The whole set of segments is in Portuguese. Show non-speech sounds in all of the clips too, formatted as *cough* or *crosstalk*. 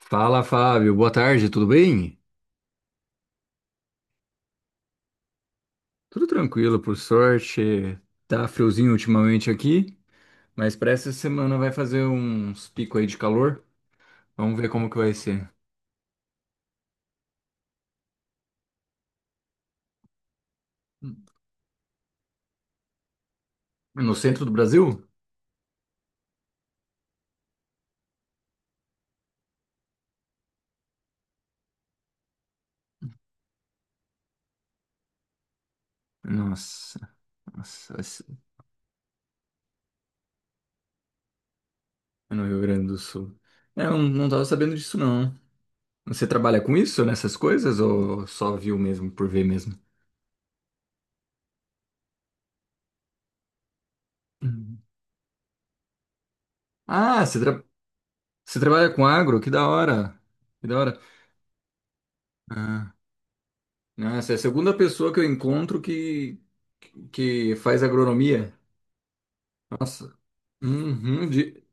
Fala, Fábio. Boa tarde, tudo bem? Tudo tranquilo, por sorte. Tá friozinho ultimamente aqui, mas para essa semana vai fazer uns picos aí de calor. Vamos ver como que vai ser. É. No centro do Brasil? Nossa, nossa. É no Rio Grande do Sul. É, eu não tava sabendo disso, não. Você trabalha com isso, nessas coisas, ou só viu mesmo, por ver mesmo? Uhum. Ah, você trabalha com agro? Que da hora. Que da hora. Ah. Nossa, é a segunda pessoa que eu encontro que faz agronomia. Nossa. Uhum.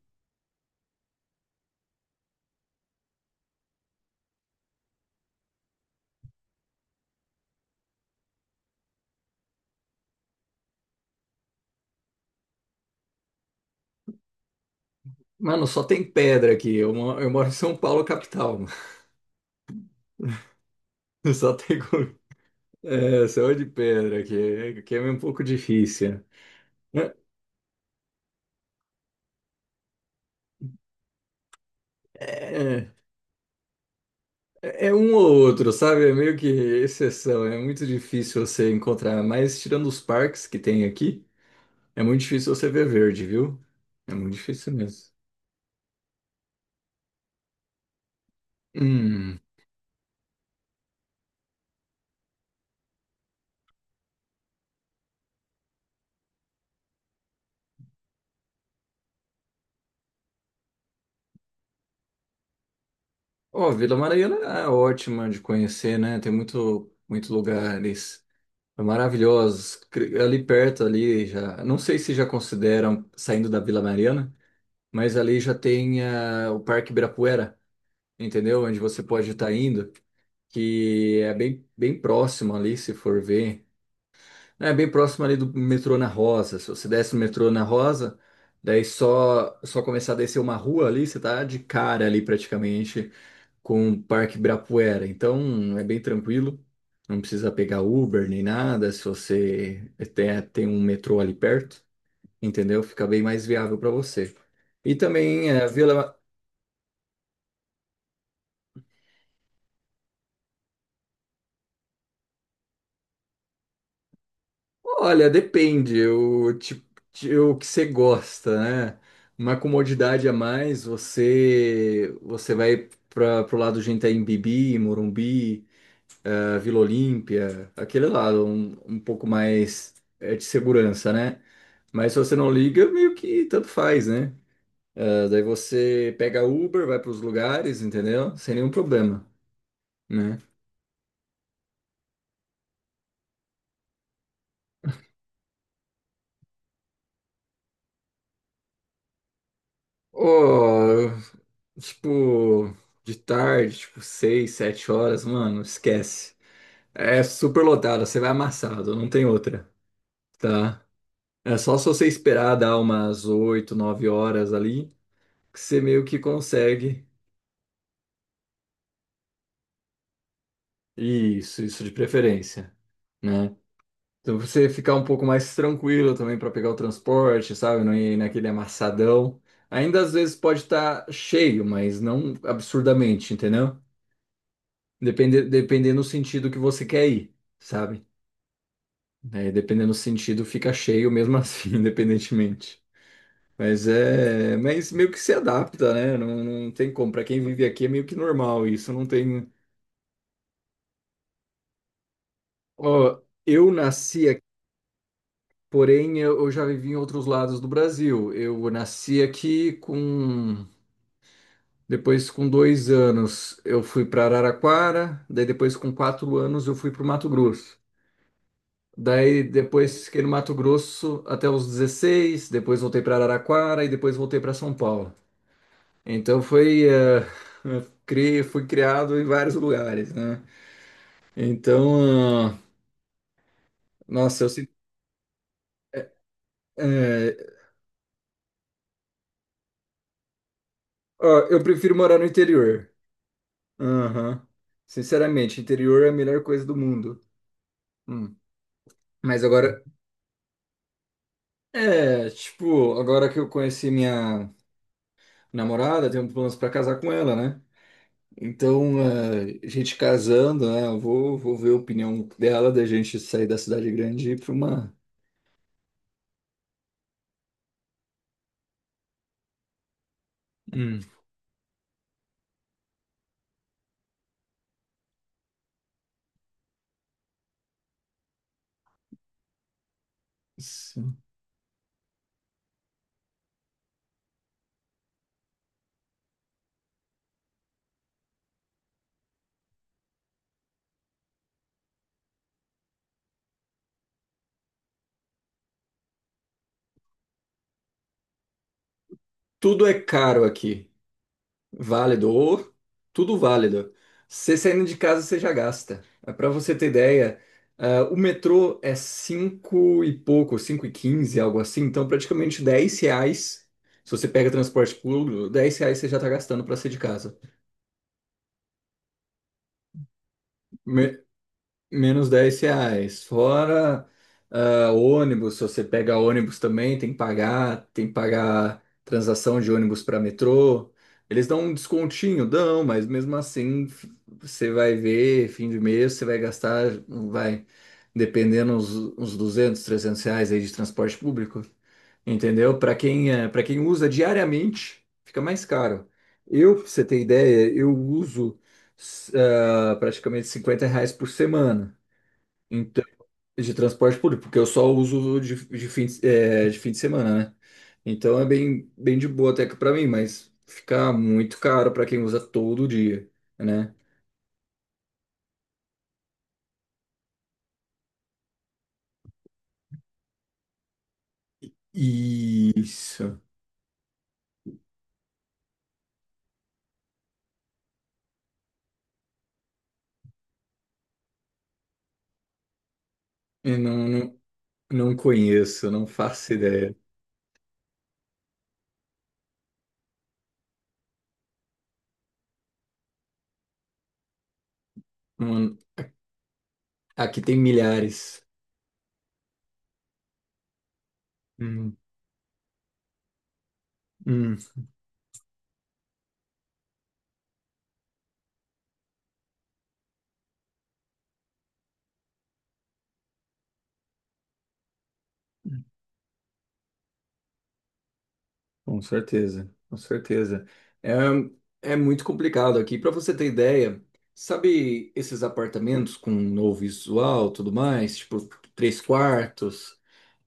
Mano, só tem pedra aqui. Eu moro em São Paulo, capital. *laughs* Só tem co- só de pedra aqui, que é um pouco difícil. É, é, é um ou outro, sabe? É meio que exceção. É muito difícil você encontrar. Mas tirando os parques que tem aqui, é muito difícil você ver verde, viu? É muito difícil mesmo. Hum. Ó, Vila Mariana é ótima de conhecer, né? Tem muito, muito lugares maravilhosos. Ali perto, ali já. Não sei se já consideram saindo da Vila Mariana, mas ali já tem o Parque Ibirapuera, entendeu? Onde você pode estar indo, que é bem, bem próximo ali, se for ver. É bem próximo ali do metrô na Rosa. Se você desce no metrô na Rosa, daí só começar a descer uma rua ali, você tá de cara ali praticamente com o Parque Ibirapuera. Então é bem tranquilo, não precisa pegar Uber nem nada. Se você tem um metrô ali perto, entendeu? Fica bem mais viável para você. E também é, a Vila. Olha, depende o tipo, o que você gosta, né? Uma comodidade a mais, você vai para pro lado de Itaim Bibi, Morumbi, a Vila Olímpia, aquele lado, um pouco mais de segurança, né? Mas se você não liga, meio que tanto faz, né? Ah, daí você pega Uber, vai para os lugares, entendeu? Sem nenhum problema, né? Oh, tipo, de tarde, tipo, seis, sete horas, mano, esquece. É super lotado, você vai amassado, não tem outra, tá? É só se você esperar dar umas oito, nove horas ali, que você meio que consegue. Isso de preferência, né? Então você ficar um pouco mais tranquilo também para pegar o transporte, sabe? Não ir naquele amassadão. Ainda às vezes pode estar cheio, mas não absurdamente, entendeu? Depende, dependendo do sentido que você quer ir, sabe? É, dependendo do sentido, fica cheio mesmo *laughs* assim, independentemente. Mas meio que se adapta, né? Não, não tem como. Para quem vive aqui é meio que normal isso. Não tem. Ó, eu nasci. Porém, eu já vivi em outros lados do Brasil. Eu nasci aqui com. Depois, com 2 anos, eu fui para Araraquara. Daí, depois, com 4 anos, eu fui para o Mato Grosso. Daí, depois, fiquei no Mato Grosso até os 16. Depois, voltei para Araraquara e depois voltei para São Paulo. Então, foi. *laughs* Eu fui criado em vários lugares, né? Então, nossa, eu sinto. É, é, ó, eu prefiro morar no interior. Aham. Sinceramente, interior é a melhor coisa do mundo. Hum. Mas agora, tipo, agora que eu conheci minha namorada, tenho planos pra casar com ela, né? Então, a gente casando, né? Eu vou ver a opinião dela da gente sair da cidade grande e ir pra uma. Hum. Sim. Tudo é caro aqui. Válido, ou tudo válido. Você saindo de casa, você já gasta. Para você ter ideia, o metrô é 5 e pouco, 5,15, algo assim, então praticamente R$ 10. Se você pega transporte público, R$ 10 você já está gastando para sair de casa. Menos R$ 10. Fora ônibus, se você pega ônibus também, tem que pagar transação de ônibus para metrô. Eles dão um descontinho, dão, mas mesmo assim você vai ver, fim de mês, você vai gastar, vai, dependendo uns R$ 200, R$ 300 aí de transporte público. Entendeu? Para quem usa diariamente, fica mais caro. Eu, pra você ter ideia, eu uso praticamente R$ 50 por semana. Então, de transporte público, porque eu só uso de fim de semana, né? Então é bem, bem de boa até que pra mim, mas fica muito caro pra quem usa todo dia, né? Isso. Eu não, não, não conheço, não faço ideia. Hum, aqui tem milhares. Hum, hum. Com certeza, com certeza. É, é muito complicado aqui. Para você ter ideia, sabe esses apartamentos com novo visual, tudo mais, tipo três quartos,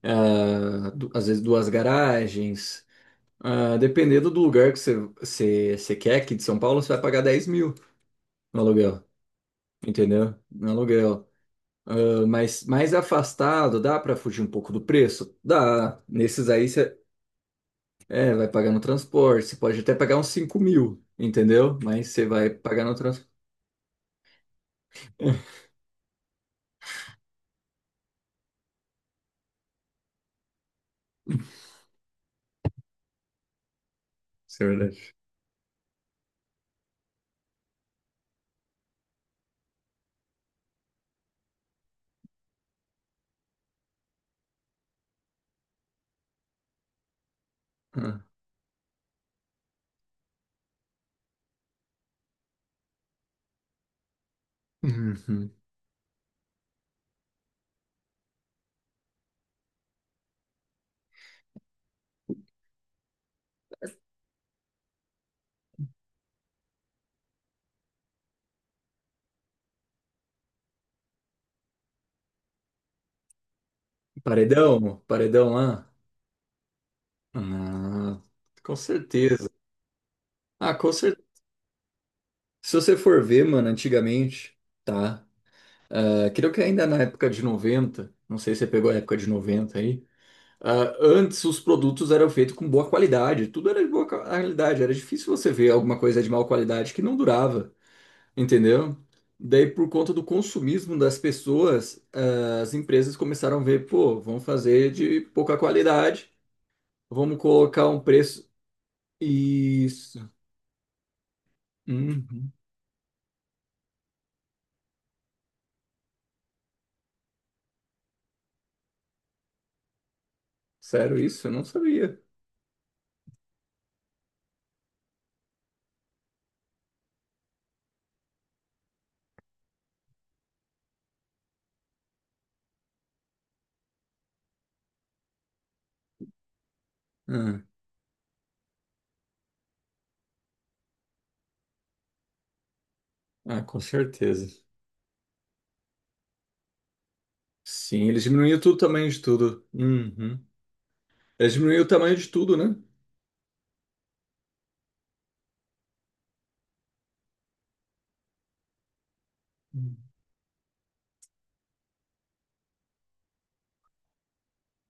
às vezes duas garagens. Ah, dependendo do lugar que você quer aqui de São Paulo, você vai pagar 10.000 no aluguel, entendeu? No aluguel. Ah, mas mais afastado, dá para fugir um pouco do preço? Dá. Nesses aí. É, vai pagar no transporte, você pode até pagar uns 5.000, entendeu? Mas você vai pagar no transporte. *laughs* Isso é verdade. Ah. Uhum. Paredão, paredão lá? Ah, com certeza. Ah, com certeza. Se você for ver, mano, antigamente, tá? Ah, creio que ainda na época de 90, não sei se você pegou a época de 90 aí. Antes os produtos eram feitos com boa qualidade, tudo era de boa qualidade, era difícil você ver alguma coisa de má qualidade que não durava. Entendeu? Daí, por conta do consumismo das pessoas, as empresas começaram a ver, pô, vamos fazer de pouca qualidade, vamos colocar um preço. Isso. Uhum. Sério isso? Eu não sabia. Ah, Ah, com certeza. Sim, eles diminuíram tudo, o tamanho de tudo. Uhum. Eles diminuíram o tamanho de tudo, né? Hum,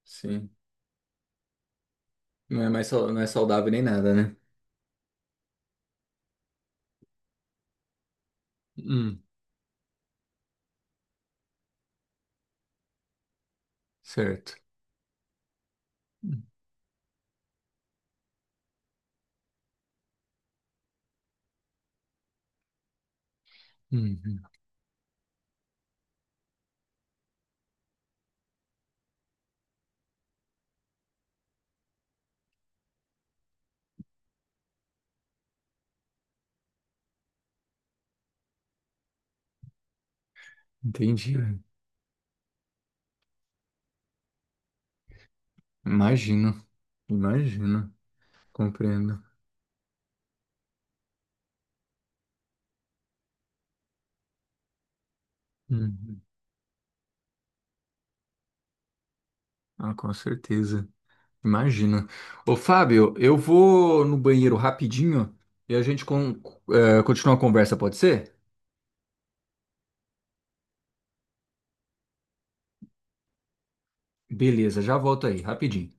sim. Não é mais, não é saudável nem nada, né? Hum, certo. Hum, uhum. Entendi. Imagino, imagino, compreendo. Uhum. Ah, com certeza. Imagina. Ô, Fábio, eu vou no banheiro rapidinho e a gente continua a conversa, pode ser? Beleza, já volto aí, rapidinho.